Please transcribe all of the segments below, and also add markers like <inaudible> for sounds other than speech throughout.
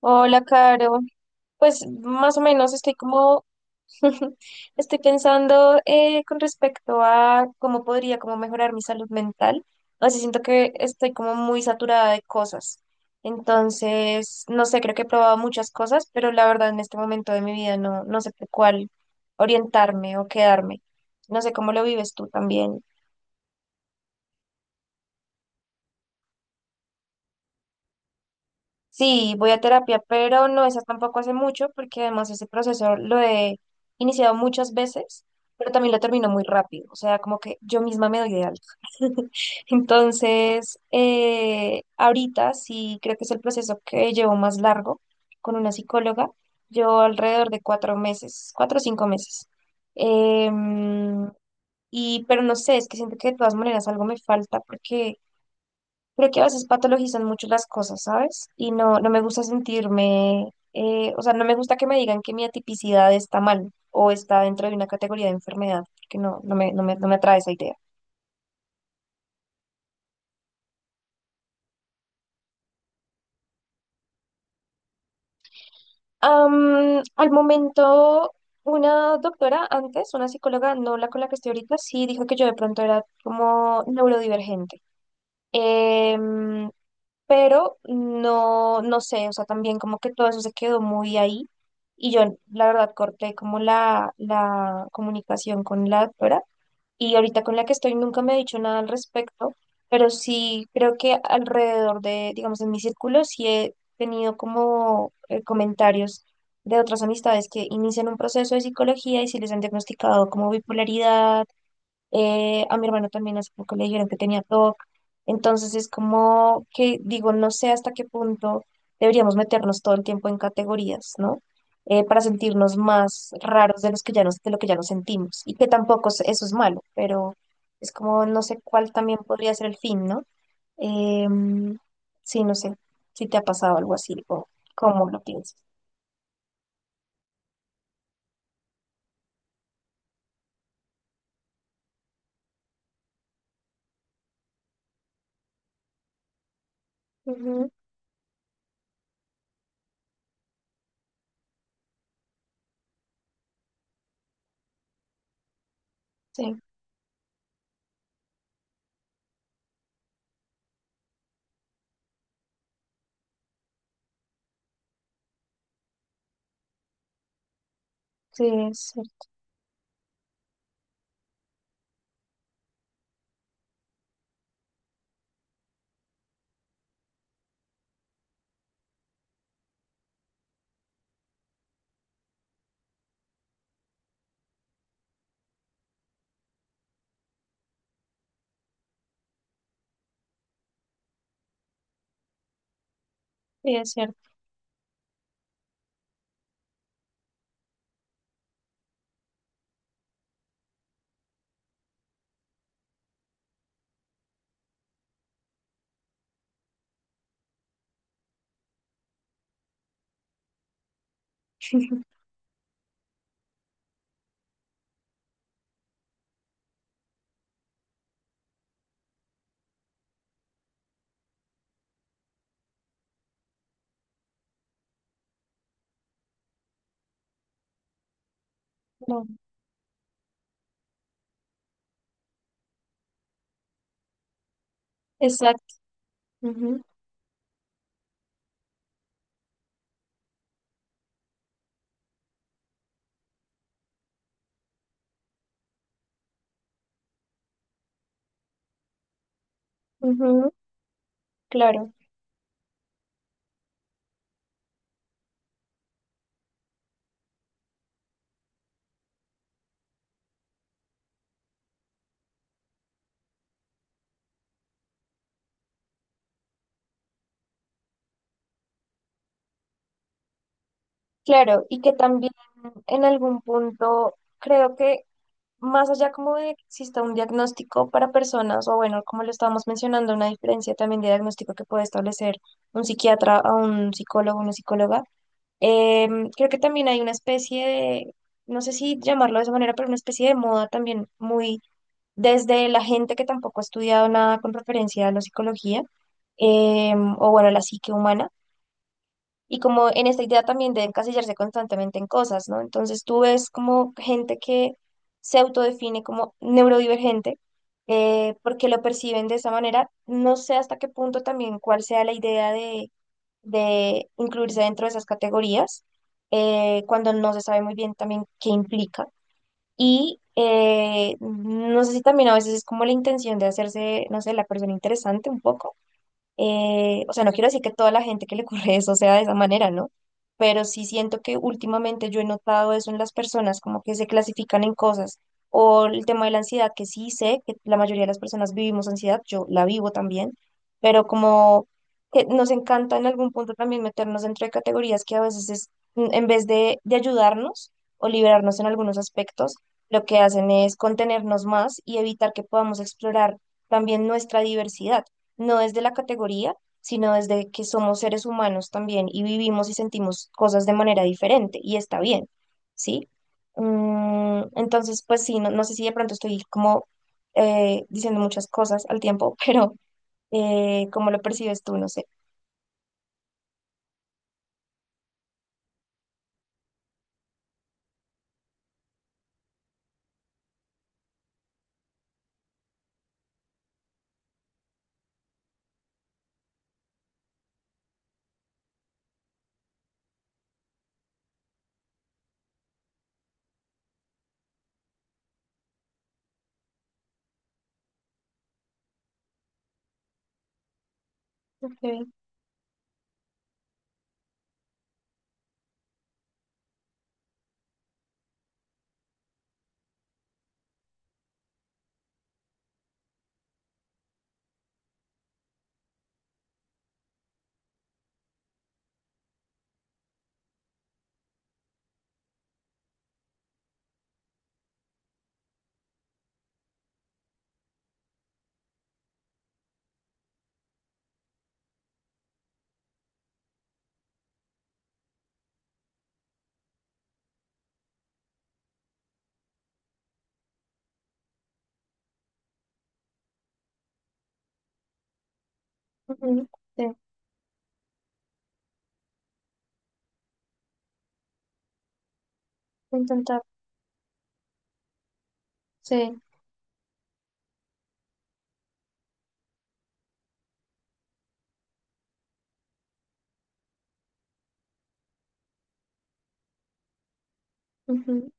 Hola, Caro. Pues más o menos estoy como, <laughs> estoy pensando con respecto a cómo podría como mejorar mi salud mental. O sea, siento que estoy como muy saturada de cosas. Entonces, no sé, creo que he probado muchas cosas, pero la verdad en este momento de mi vida no, no sé por cuál orientarme o quedarme. No sé cómo lo vives tú también. Sí, voy a terapia, pero no esa tampoco hace mucho, porque además ese proceso lo he iniciado muchas veces, pero también lo termino muy rápido, o sea, como que yo misma me doy de alta. <laughs> Entonces, ahorita sí creo que es el proceso que llevo más largo con una psicóloga. Llevo alrededor de cuatro meses, cuatro o cinco meses. Em, y, pero no sé, es que siento que de todas maneras algo me falta porque creo que a veces patologizan mucho las cosas, ¿sabes? Y no, no me gusta sentirme, o sea, no me gusta que me digan que mi atipicidad está mal o está dentro de una categoría de enfermedad, porque no, no me atrae esa idea. Al momento, una doctora antes, una psicóloga, no la con la que estoy ahorita, sí dijo que yo de pronto era como neurodivergente. Em, pero no, no sé, o sea, también como que todo eso se quedó muy ahí y yo la verdad corté como la comunicación con la doctora, y ahorita con la que estoy nunca me ha dicho nada al respecto, pero sí creo que alrededor de, digamos, en mi círculo sí he tenido como comentarios de otras amistades que inician un proceso de psicología, y si les han diagnosticado como bipolaridad. A mi hermano también hace poco le dijeron que tenía TOC. Entonces es como que digo, no sé hasta qué punto deberíamos meternos todo el tiempo en categorías, ¿no? Para sentirnos más raros de los que ya nos, de lo que ya nos sentimos. Y que tampoco eso es malo, pero es como no sé cuál también podría ser el fin, ¿no? Em, sí, no sé si te ha pasado algo así o cómo lo piensas. Ujú. Sí, sí, es cierto. Sí, es cierto. <laughs> No, exacto. Ujú, ujú. Claro, claro, y que también en algún punto creo que más allá como de que exista un diagnóstico para personas, o bueno, como lo estábamos mencionando, una diferencia también de diagnóstico que puede establecer un psiquiatra a un psicólogo, una psicóloga, creo que también hay una especie de, no sé si llamarlo de esa manera, pero una especie de moda también muy desde la gente que tampoco ha estudiado nada con referencia a la psicología, o bueno, la psique humana. Y como en esta idea también de encasillarse constantemente en cosas, ¿no? Entonces tú ves como gente que se autodefine como neurodivergente, porque lo perciben de esa manera. No sé hasta qué punto también cuál sea la idea de incluirse dentro de esas categorías, cuando no se sabe muy bien también qué implica. Y no sé si también a veces es como la intención de hacerse, no sé, la persona interesante un poco. O sea, no quiero decir que toda la gente que le ocurre eso sea de esa manera, ¿no? Pero sí siento que últimamente yo he notado eso en las personas, como que se clasifican en cosas. O el tema de la ansiedad, que sí sé que la mayoría de las personas vivimos ansiedad, yo la vivo también, pero como que nos encanta en algún punto también meternos dentro de categorías que a veces es, en vez de ayudarnos o liberarnos en algunos aspectos, lo que hacen es contenernos más y evitar que podamos explorar también nuestra diversidad, no desde la categoría, sino desde que somos seres humanos también y vivimos y sentimos cosas de manera diferente, y está bien, ¿sí? Entonces, pues sí, no, no sé si de pronto estoy como diciendo muchas cosas al tiempo, <laughs> pero ¿cómo lo percibes tú? No sé. Okay. Ujú. Sí, intentar. Sí. Ujú,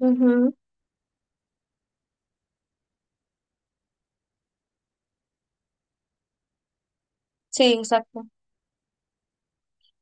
ujú. Sí, exacto.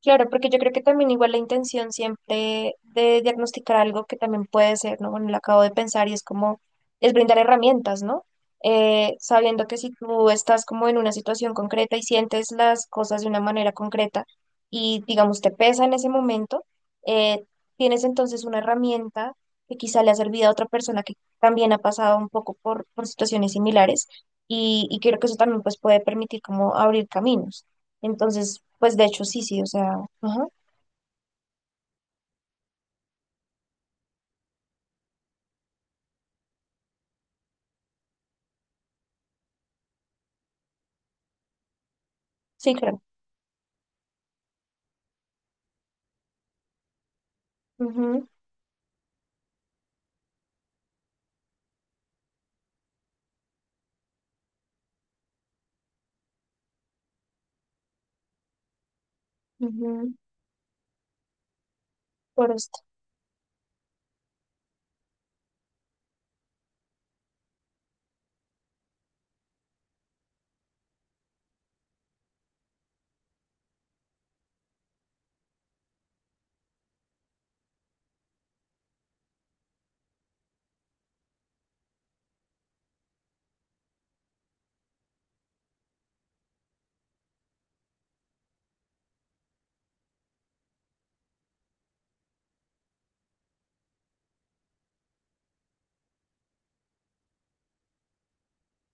Claro, porque yo creo que también igual la intención siempre de diagnosticar algo que también puede ser, ¿no? Bueno, lo acabo de pensar y es como, es brindar herramientas, ¿no? Sabiendo que si tú estás como en una situación concreta y sientes las cosas de una manera concreta y digamos te pesa en ese momento, eh, tienes entonces una herramienta que quizá le ha servido a otra persona que también ha pasado un poco por situaciones similares, y creo que eso también pues puede permitir como abrir caminos. Entonces, pues de hecho sí, sí, o sea, ajá, sí, claro. Ujú, ujú, por esto.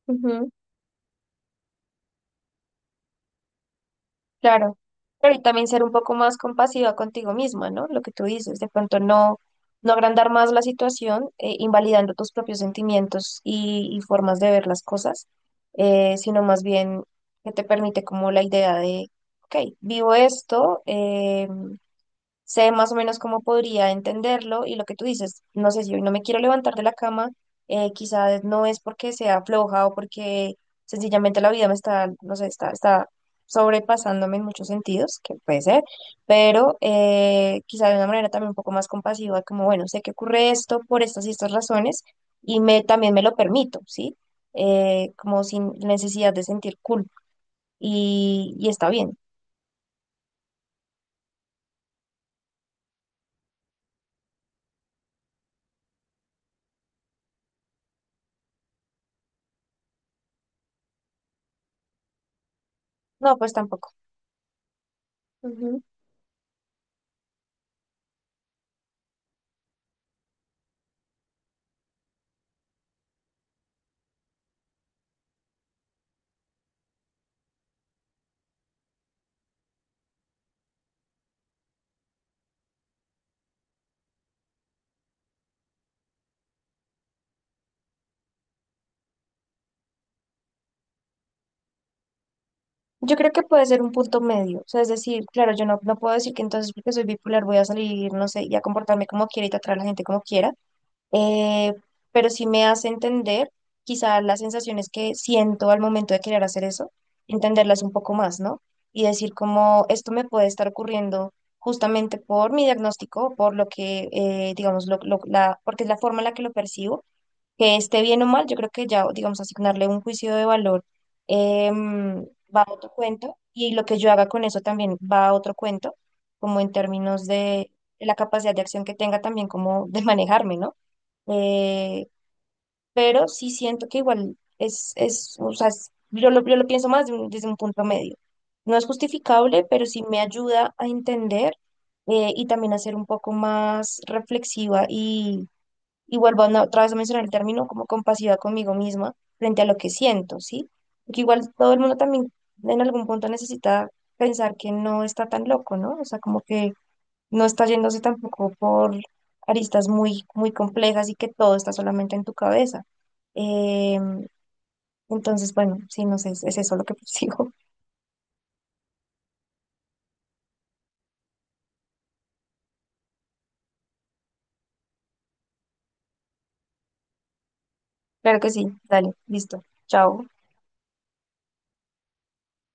Ujú, claro. Pero y también ser un poco más compasiva contigo misma, ¿no? Lo que tú dices, de pronto no, no agrandar más la situación, invalidando tus propios sentimientos y formas de ver las cosas, sino más bien que te permite como la idea de, ok, vivo esto, sé más o menos cómo podría entenderlo, y lo que tú dices, no sé si hoy no me quiero levantar de la cama, quizás no es porque sea floja, o porque sencillamente la vida me está, no sé, está, está sobrepasándome en muchos sentidos, que puede ser, pero quizás de una manera también un poco más compasiva, como bueno, sé que ocurre esto por estas y estas razones, y me, también me lo permito, ¿sí? Como sin necesidad de sentir culpa, y está bien. No, pues tampoco. Yo creo que puede ser un punto medio, o sea, es decir, claro, yo no, no puedo decir que entonces porque soy bipolar voy a salir, no sé, y a comportarme como quiera y tratar a la gente como quiera, eh, pero sí me hace entender quizá las sensaciones que siento al momento de querer hacer eso, entenderlas un poco más, ¿no? Y decir como esto me puede estar ocurriendo justamente por mi diagnóstico, por lo que, digamos, porque es la forma en la que lo percibo, que esté bien o mal. Yo creo que ya, digamos, asignarle un juicio de valor em, va a otro cuento, y lo que yo haga con eso también va a otro cuento, como en términos de la capacidad de acción que tenga también como de manejarme, ¿no? Eh, pero sí siento que igual es o sea, yo lo pienso más de desde un punto medio. No es justificable, pero sí me ayuda a entender, y también a ser un poco más reflexiva, y vuelvo a otra vez a mencionar el término como compasiva conmigo misma frente a lo que siento, ¿sí? Porque igual todo el mundo también en algún punto necesita pensar que no está tan loco, ¿no? O sea, como que no está yéndose tampoco por aristas muy, muy complejas, y que todo está solamente en tu cabeza. Em, entonces, bueno, sí, no sé, es eso lo que persigo. <laughs> Claro que sí, dale, listo, chao.